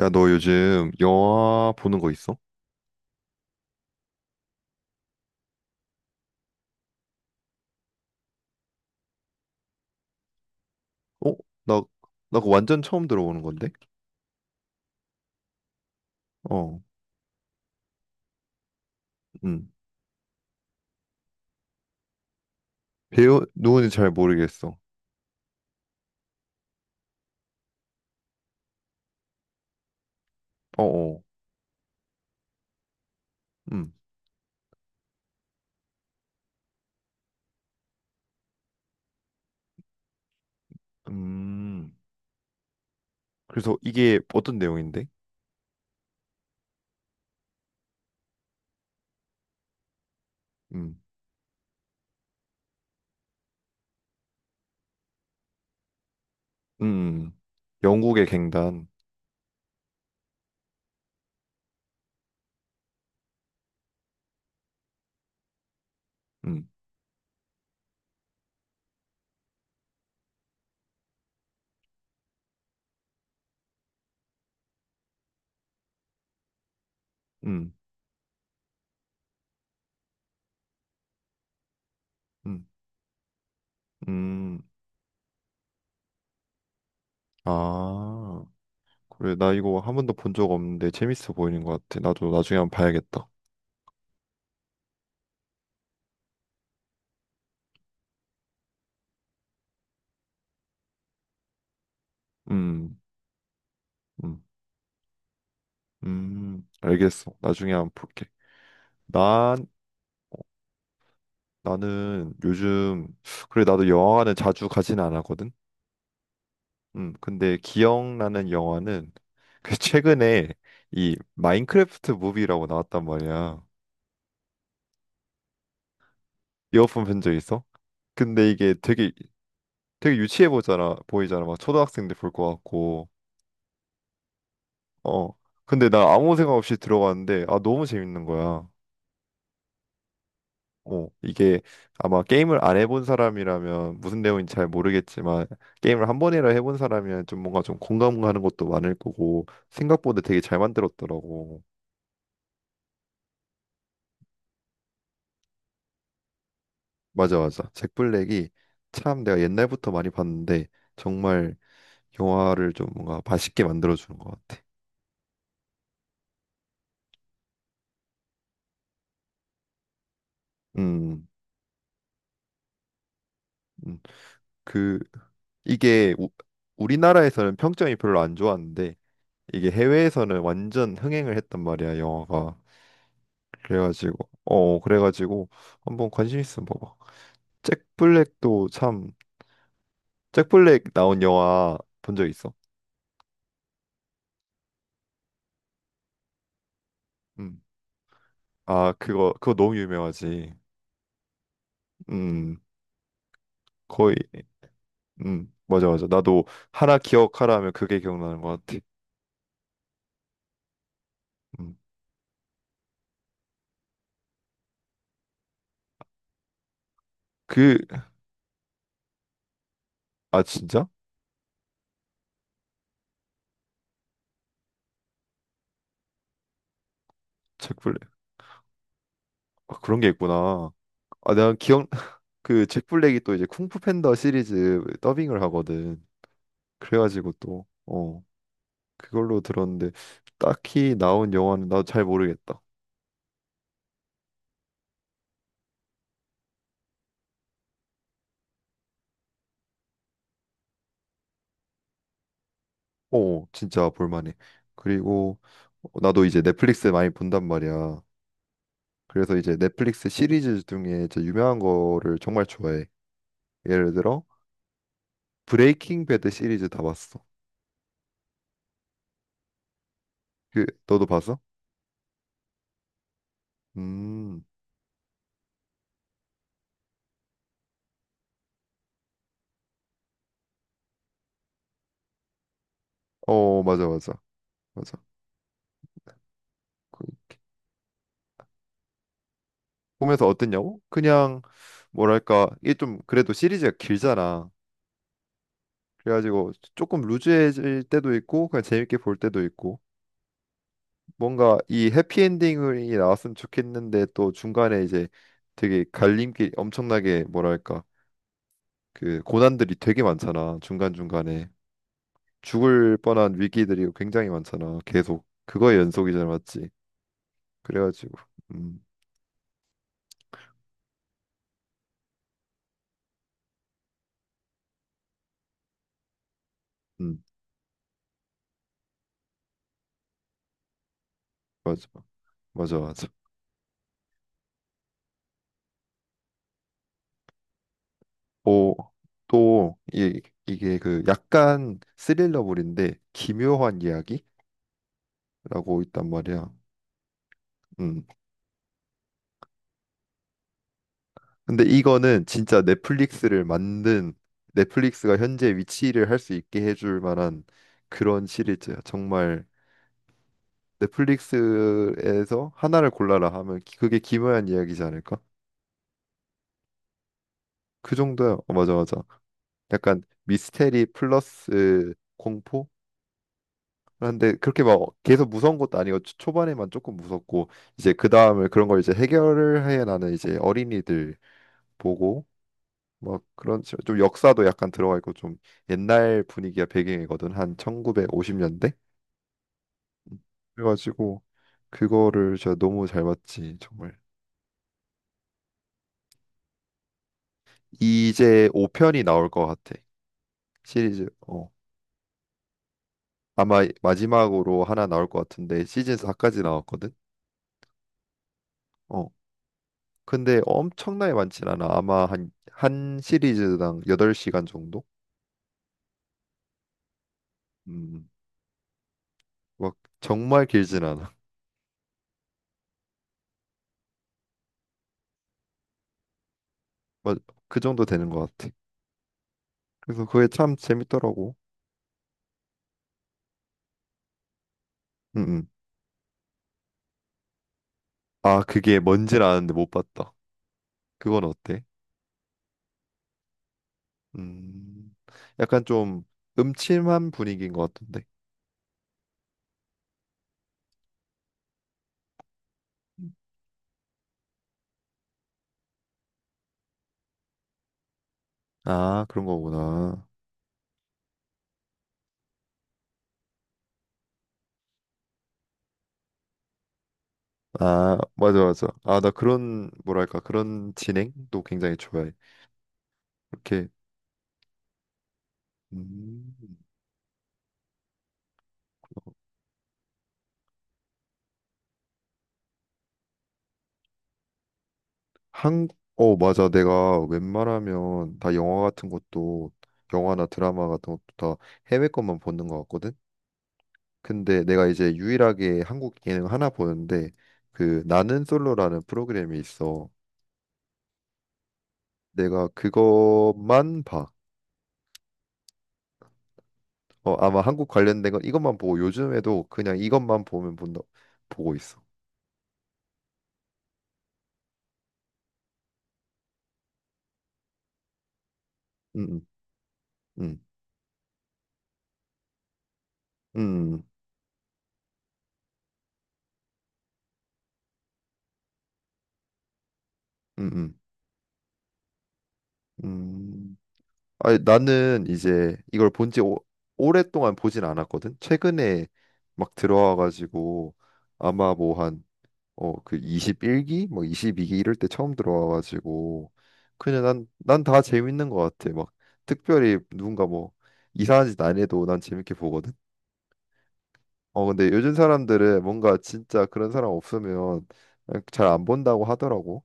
야, 너 요즘 영화 보는 거 있어? 어? 나, 나 그거 완전 처음 들어보는 건데? 어, 음. 배우, 누군지 잘 모르겠어. 어, 어, 음. 음. 그래서 이게 어떤 내용인데? 음, 음. 음, 음. 영국의 갱단. 음, 음, 음, 음. 아, 그래. 나 이거 한 번도 본 적 없는데 재밌어 보이는 것 같아. 나도 나중에 한번 봐야겠다. 음, 음, 알겠어. 나중에 한번 볼게. 난 나는 요즘 그래 나도 영화관을 자주 가진 않았거든. 근데 기억나는 영화는 그 최근에 이 마인크래프트 무비라고 나왔단 말이야. 이어폰 본적 있어? 근데 이게 되게 유치해 보잖아 보이잖아 막 초등학생들 볼 것 같고. 어 근데 나 아무 생각 없이 들어갔는데 아 너무 재밌는 거야. 이게 아마 게임을 안 해본 사람이라면 무슨 내용인지 잘 모르겠지만 게임을 한 번이라 해본 사람이면 좀 뭔가 좀 공감가는 것도 많을 거고 생각보다 되게 잘 만들었더라고. 맞아, 맞아. 잭 블랙이 참 내가 옛날부터 많이 봤는데 정말 영화를 좀 뭔가 맛있게 만들어주는 것 같아. 음, 음. 그 이게 우리나라에서는 평점이 별로 안 좋았는데 이게 해외에서는 완전 흥행을 했단 말이야, 영화가. 그래가지고 그래가지고 한번 관심 있으면 봐봐. 잭 블랙도 참, 잭 블랙 나온 영화 본 적 있어? 음. 아, 그거 너무 유명하지. 음 거의 맞아, 맞아. 나도 하나 기억하라 하면 그게 기억나는 것 같아. 음. 그 아 진짜? 잭 블랙, 아, 그런 게 있구나. 아 내가 기억 그 잭 블랙이 또 이제 쿵푸 팬더 시리즈 더빙을 하거든. 그래가지고 또 어 그걸로 들었는데 딱히 나온 영화는 나도 잘 모르겠다. 어, 진짜 볼만해. 그리고 나도 이제 넷플릭스 많이 본단 말이야. 그래서 이제 넷플릭스 시리즈 중에 저 유명한 거를 정말 좋아해. 예를 들어 브레이킹 배드 시리즈 다 봤어. 그 너도 봤어? 음. 어, 맞아, 맞아. 맞아. 그, 보면서 어땠냐고? 그냥 뭐랄까 이게 좀 그래도 시리즈가 길잖아. 그래가지고 조금 루즈해질 때도 있고 그냥 재밌게 볼 때도 있고 뭔가 이 해피엔딩이 나왔으면 좋겠는데 또 중간에 이제 되게 갈림길 엄청나게 뭐랄까 그 고난들이 되게 많잖아, 중간중간에. 죽을 뻔한 위기들이 굉장히 많잖아. 계속 그거의 연속이잖아, 맞지? 그래가지고 음, 음, 맞아, 맞아. 오, 또 이게 그 약간 스릴러물인데 기묘한 이야기라고 있단 말이야. 음, 근데 이거는 진짜 넷플릭스를 만든, 넷플릭스가 현재 위치를 할 수 있게 해줄 만한 그런 시리즈야. 정말 넷플릭스에서 하나를 골라라 하면 그게 김어한 이야기지 않을까? 그 정도야. 어, 맞아, 맞아. 약간 미스테리 플러스 공포? 그런데 그렇게 막 계속 무서운 것도 아니고 초반에만 조금 무섭고, 이제 그 다음에 그런 걸 이제 해결을 해. 나는 이제 어린이들 보고 뭐 그런 식, 좀 역사도 약간 들어가 있고 좀 옛날 분위기가 배경이거든, 한 1950년대. 그래가지고 그거를 제가 너무 잘 봤지 정말. 이제 5편이 나올 것 같아, 시리즈. 아마 마지막으로 하나 나올 것 같은데, 시즌 4까지 나왔거든. 어 근데 엄청나게 많진 않아, 아마 한, 한 시리즈당 8시간 정도. 음막 정말 길진 않아. 막 그 정도 되는 것 같아. 그래서 그게 참 재밌더라고. 응응 아, 그게 뭔지는 아는데 못 봤다. 그건 어때? 음, 약간 좀 음침한 분위기인 것 같은데. 아, 그런 거구나. 아, 맞아, 맞아. 아, 나 그런, 뭐랄까, 그런 진행도 굉장히 좋아해. 이렇게, 음, 한, 어, 맞아. 내가 웬만하면 다 영화 같은 것도, 영화나 드라마 같은 것도 다 해외 것만 보는 것 같거든? 근데 내가 이제 유일하게 한국 예능 하나 보는데, 그, 나는 솔로라는 프로그램이 있어. 내가 그것만 봐. 어, 아마 한국 관련된 건 이것만 보고 요즘에도 그냥 이것만 보면 본다, 보고 있어. 음, 음, 음, 음, 음, 음. 음. 음. 아니, 나는 이제 이걸 본 지 오랫동안 보진 않았거든. 최근에 막 들어와가지고, 아마 뭐 한, 그 21기, 뭐 22기 이럴 때 처음 들어와가지고 그냥 난 다 재밌는 것 같아. 막 특별히 누군가 뭐 이상한 짓 안 해도 난 재밌게 보거든. 어, 근데 요즘 사람들은 뭔가 진짜 그런 사람 없으면 잘 안 본다고 하더라고.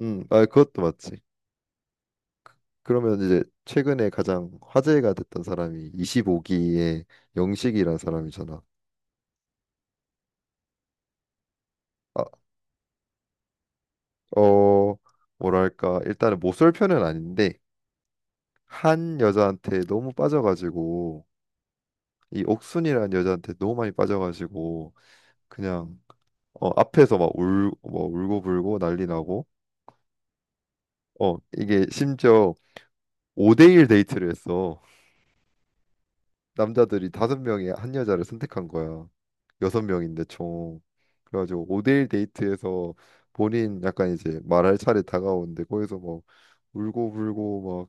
아, 그것도 맞지. 그러면 이제 최근에 가장 화제가 됐던 사람이 25기의 영식이란 사람이잖아. 아, 어, 뭐랄까, 일단은 못쏠 편은 아닌데, 한 여자한테 너무 빠져가지고, 이 옥순이라는 여자한테 너무 많이 빠져가지고, 그냥, 앞에서 막 울, 뭐 울고불고 난리 나고, 어, 이게 심지어 5대1 데이트를 했어. 남자들이 다섯 명이 한 여자를 선택한 거야. 여섯 명인데 총. 그래가지고 5대1 데이트에서 본인 약간 이제 말할 차례 다가오는데 거기서 막 울고 불고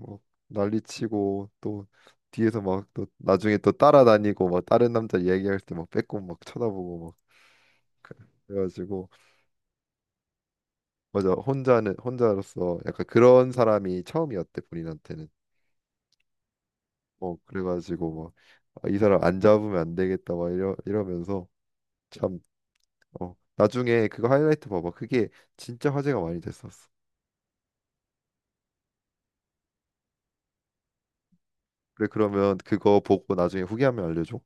막 난리치고 또 뒤에서 막 또 나중에 또 따라다니고 막 다른 남자 얘기할 때 막 빼꼼 막 쳐다보고 막 그래- 그래가지고. 맞아, 혼자는 혼자로서 약간 그런 사람이 처음이었대, 본인한테는. 그래가지고 막, 아, 이 사람 안 잡으면 안 되겠다 막 이러면서 참. 어, 나중에 그거 하이라이트 봐봐. 그게 진짜 화제가 많이 됐었어. 그래, 그러면 그거 보고 나중에 후기하면 알려줘.